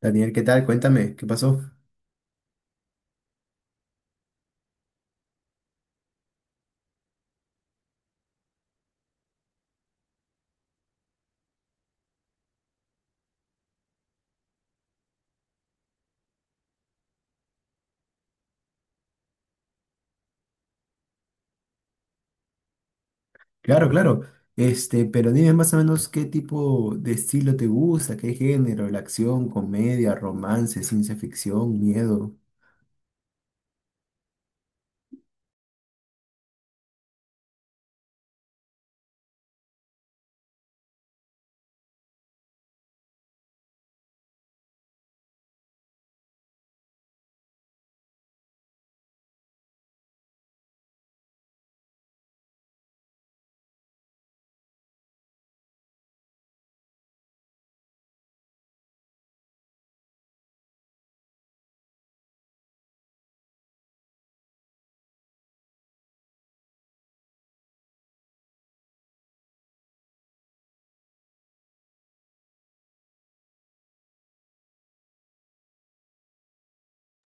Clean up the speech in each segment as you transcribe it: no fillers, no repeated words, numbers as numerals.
Daniel, ¿qué tal? Cuéntame, ¿qué pasó? Claro, claro. Pero dime más o menos qué tipo de estilo te gusta, qué género, la acción, comedia, romance, ciencia ficción, miedo.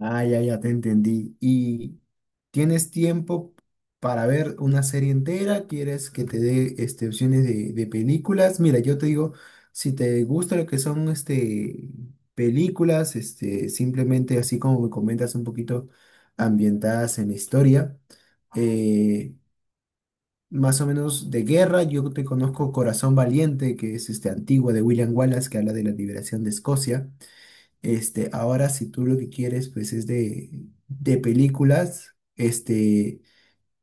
Ah, ya, ya te entendí. ¿Y tienes tiempo para ver una serie entera? ¿Quieres que te dé opciones de películas? Mira, yo te digo, si te gusta lo que son películas, simplemente así como me comentas un poquito ambientadas en la historia, eh, más o menos de guerra, yo te conozco Corazón Valiente, que es antigua de William Wallace, que habla de la liberación de Escocia. Ahora, si tú lo que quieres, pues es de películas. Este,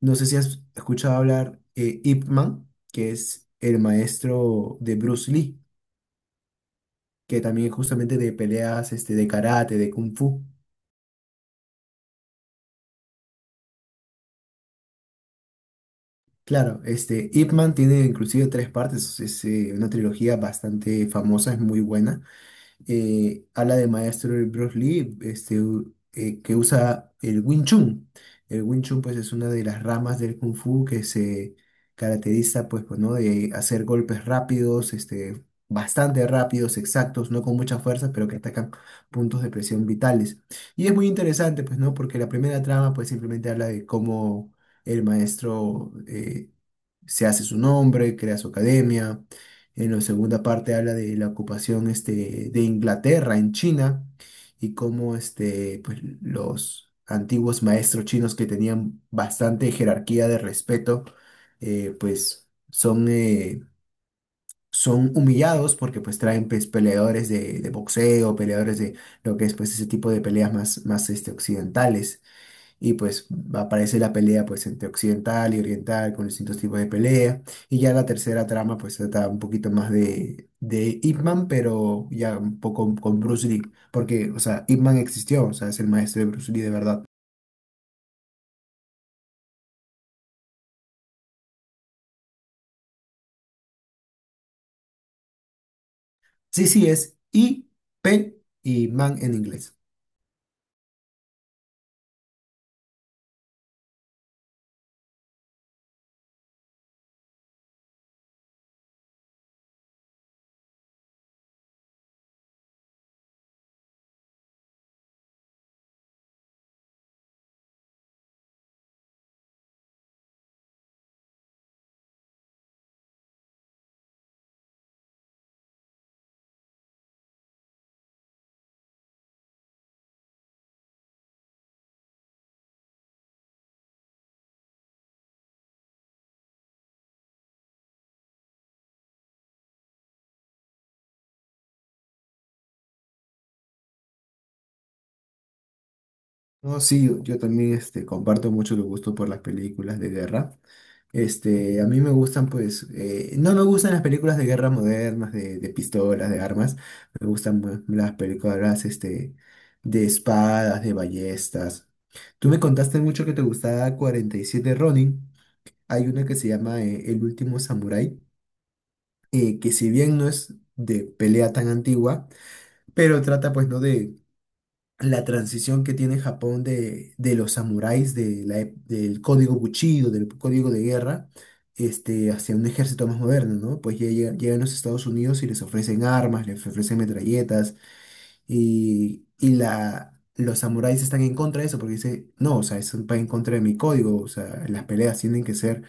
no sé si has escuchado hablar Ip Man, que es el maestro de Bruce Lee, que también es justamente de peleas, de karate, de kung fu. Claro, Ip Man tiene inclusive tres partes, es una trilogía bastante famosa, es muy buena. Ala de maestro de Bruce Lee, que usa el Wing Chun. El Wing Chun pues es una de las ramas del Kung Fu que se caracteriza pues, ¿no? De hacer golpes rápidos, bastante rápidos, exactos, no con mucha fuerza, pero que atacan puntos de presión vitales. Y es muy interesante pues, ¿no? Porque la primera trama pues simplemente habla de cómo el maestro se hace su nombre, crea su academia en la segunda parte habla de la ocupación de Inglaterra en China y cómo pues, los antiguos maestros chinos que tenían bastante jerarquía de respeto, pues son humillados porque pues traen pues, peleadores de boxeo, peleadores de lo que es pues, ese tipo de peleas más, más occidentales. Y pues aparece la pelea pues entre occidental y oriental con distintos tipos de pelea. Y ya la tercera trama pues trata un poquito más de Ip Man, pero ya un poco con Bruce Lee. Porque, o sea, Ip Man existió, o sea, es el maestro de Bruce Lee de verdad. Sí, sí es IP Man en inglés. No, sí, yo también comparto mucho el gusto por las películas de guerra. A mí me gustan, pues, no me gustan las películas de guerra modernas, de pistolas, de armas. Me gustan más las películas, de espadas, de ballestas. Tú me contaste mucho que te gustaba 47 Ronin. Hay una que se llama El último samurái, que si bien no es de pelea tan antigua, pero trata, pues, ¿no? De la transición que tiene Japón de los samuráis, del código Bushido, del código de guerra, hacia un ejército más moderno, ¿no? Pues ya llegan a los Estados Unidos y les ofrecen armas, les ofrecen metralletas, y los samuráis están en contra de eso, porque dicen, no, o sea, eso va en contra de mi código, o sea, las peleas tienen que ser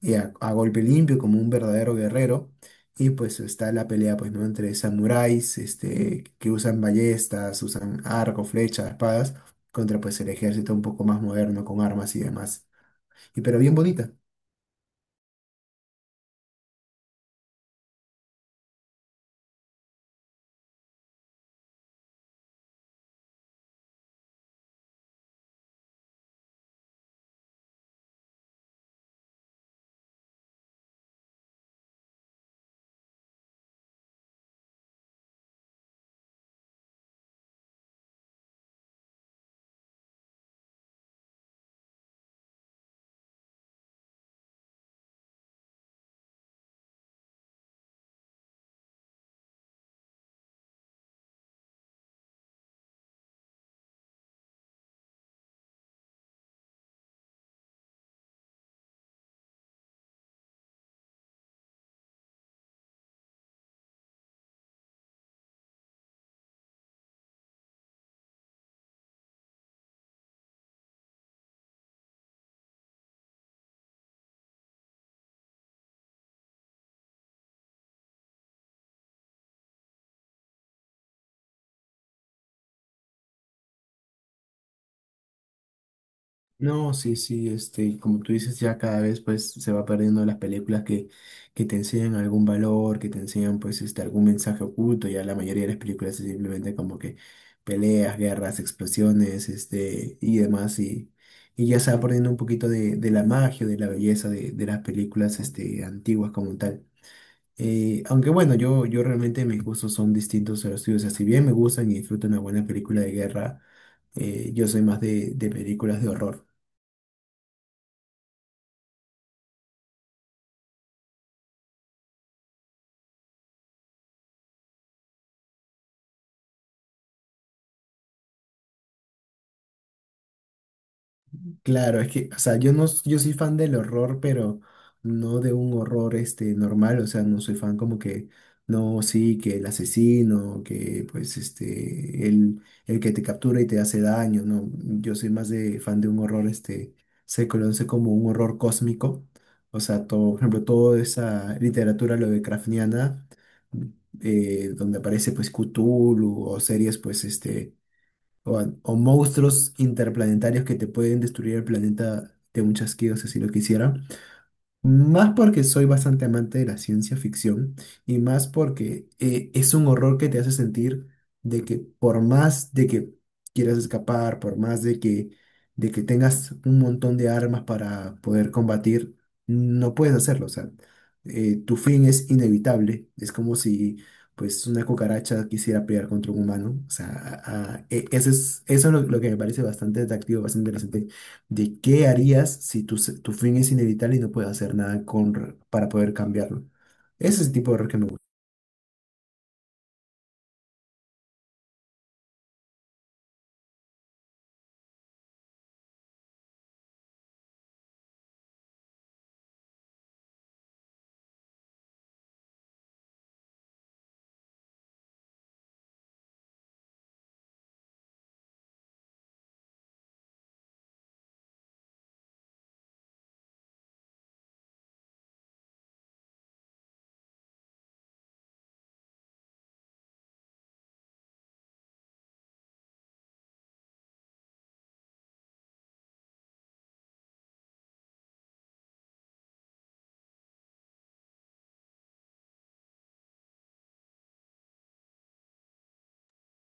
y a golpe limpio como un verdadero guerrero. Y pues está la pelea, pues, ¿no? Entre samuráis, que usan ballestas, usan arco, flechas, espadas, contra pues el ejército un poco más moderno con armas y demás. Y pero bien bonita. No, sí, sí, y como tú dices, ya cada vez pues se va perdiendo las películas que te enseñan algún valor, que te enseñan pues algún mensaje oculto, ya la mayoría de las películas es simplemente como que peleas, guerras, explosiones, y demás, y ya se va perdiendo un poquito de la magia, de la belleza de las películas antiguas como tal. Aunque bueno, yo realmente mis gustos son distintos a los tuyos, o sea, si bien me gustan y disfruto una buena película de guerra, yo soy más de películas de horror. Claro, es que, o sea, yo no, yo soy fan del horror, pero no de un horror normal, o sea, no soy fan como que, no, sí, que el asesino, que pues el que te captura y te hace daño, no, yo soy más de fan de un horror se conoce como un horror cósmico, o sea, todo, por ejemplo, toda esa literatura lo de Lovecraftiana, donde aparece pues Cthulhu o series pues o monstruos interplanetarios que te pueden destruir el planeta de un chasquido si así lo quisieran. Más porque soy bastante amante de la ciencia ficción y más porque es un horror que te hace sentir de que por más de que quieras escapar, por más de que tengas un montón de armas para poder combatir, no puedes hacerlo. O sea, tu fin es inevitable. Es como si pues una cucaracha quisiera pelear contra un humano. O sea, eso es lo que me parece bastante atractivo, bastante interesante de qué harías si tu fin es inevitable y no puedes hacer nada para poder cambiarlo. Ese es el tipo de horror que me gusta.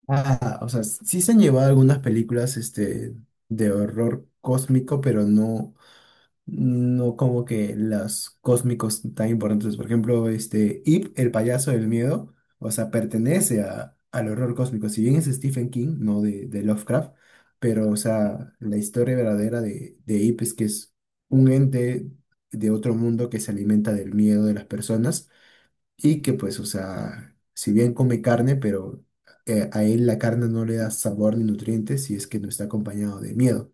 Ah, o sea, sí se han llevado algunas películas de horror cósmico, pero no, no como que los cósmicos tan importantes. Por ejemplo, este Ip, el payaso del miedo, o sea, pertenece al horror cósmico. Si bien es Stephen King, no de Lovecraft, pero, o sea, la historia verdadera de Ip es que es un ente de otro mundo que se alimenta del miedo de las personas y que, pues, o sea, si bien come carne, pero a él la carne no le da sabor ni nutrientes si es que no está acompañado de miedo.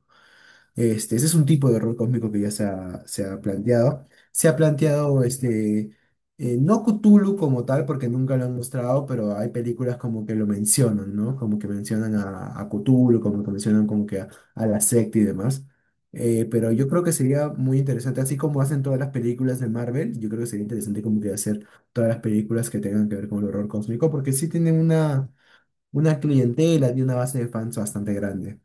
Ese es un tipo de error cósmico que ya se ha planteado. Se ha planteado no Cthulhu como tal, porque nunca lo han mostrado, pero hay películas como que lo mencionan, ¿no? Como que mencionan a Cthulhu, como que mencionan como que a la secta y demás. Pero yo creo que sería muy interesante, así como hacen todas las películas de Marvel, yo creo que sería interesante como que hacer todas las películas que tengan que ver con el horror cósmico, porque sí tienen una clientela y una base de fans bastante grande.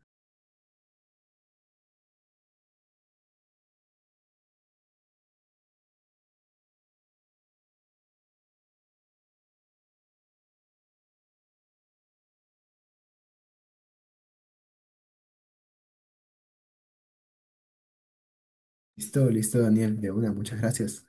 Listo, listo, Daniel, de una, muchas gracias.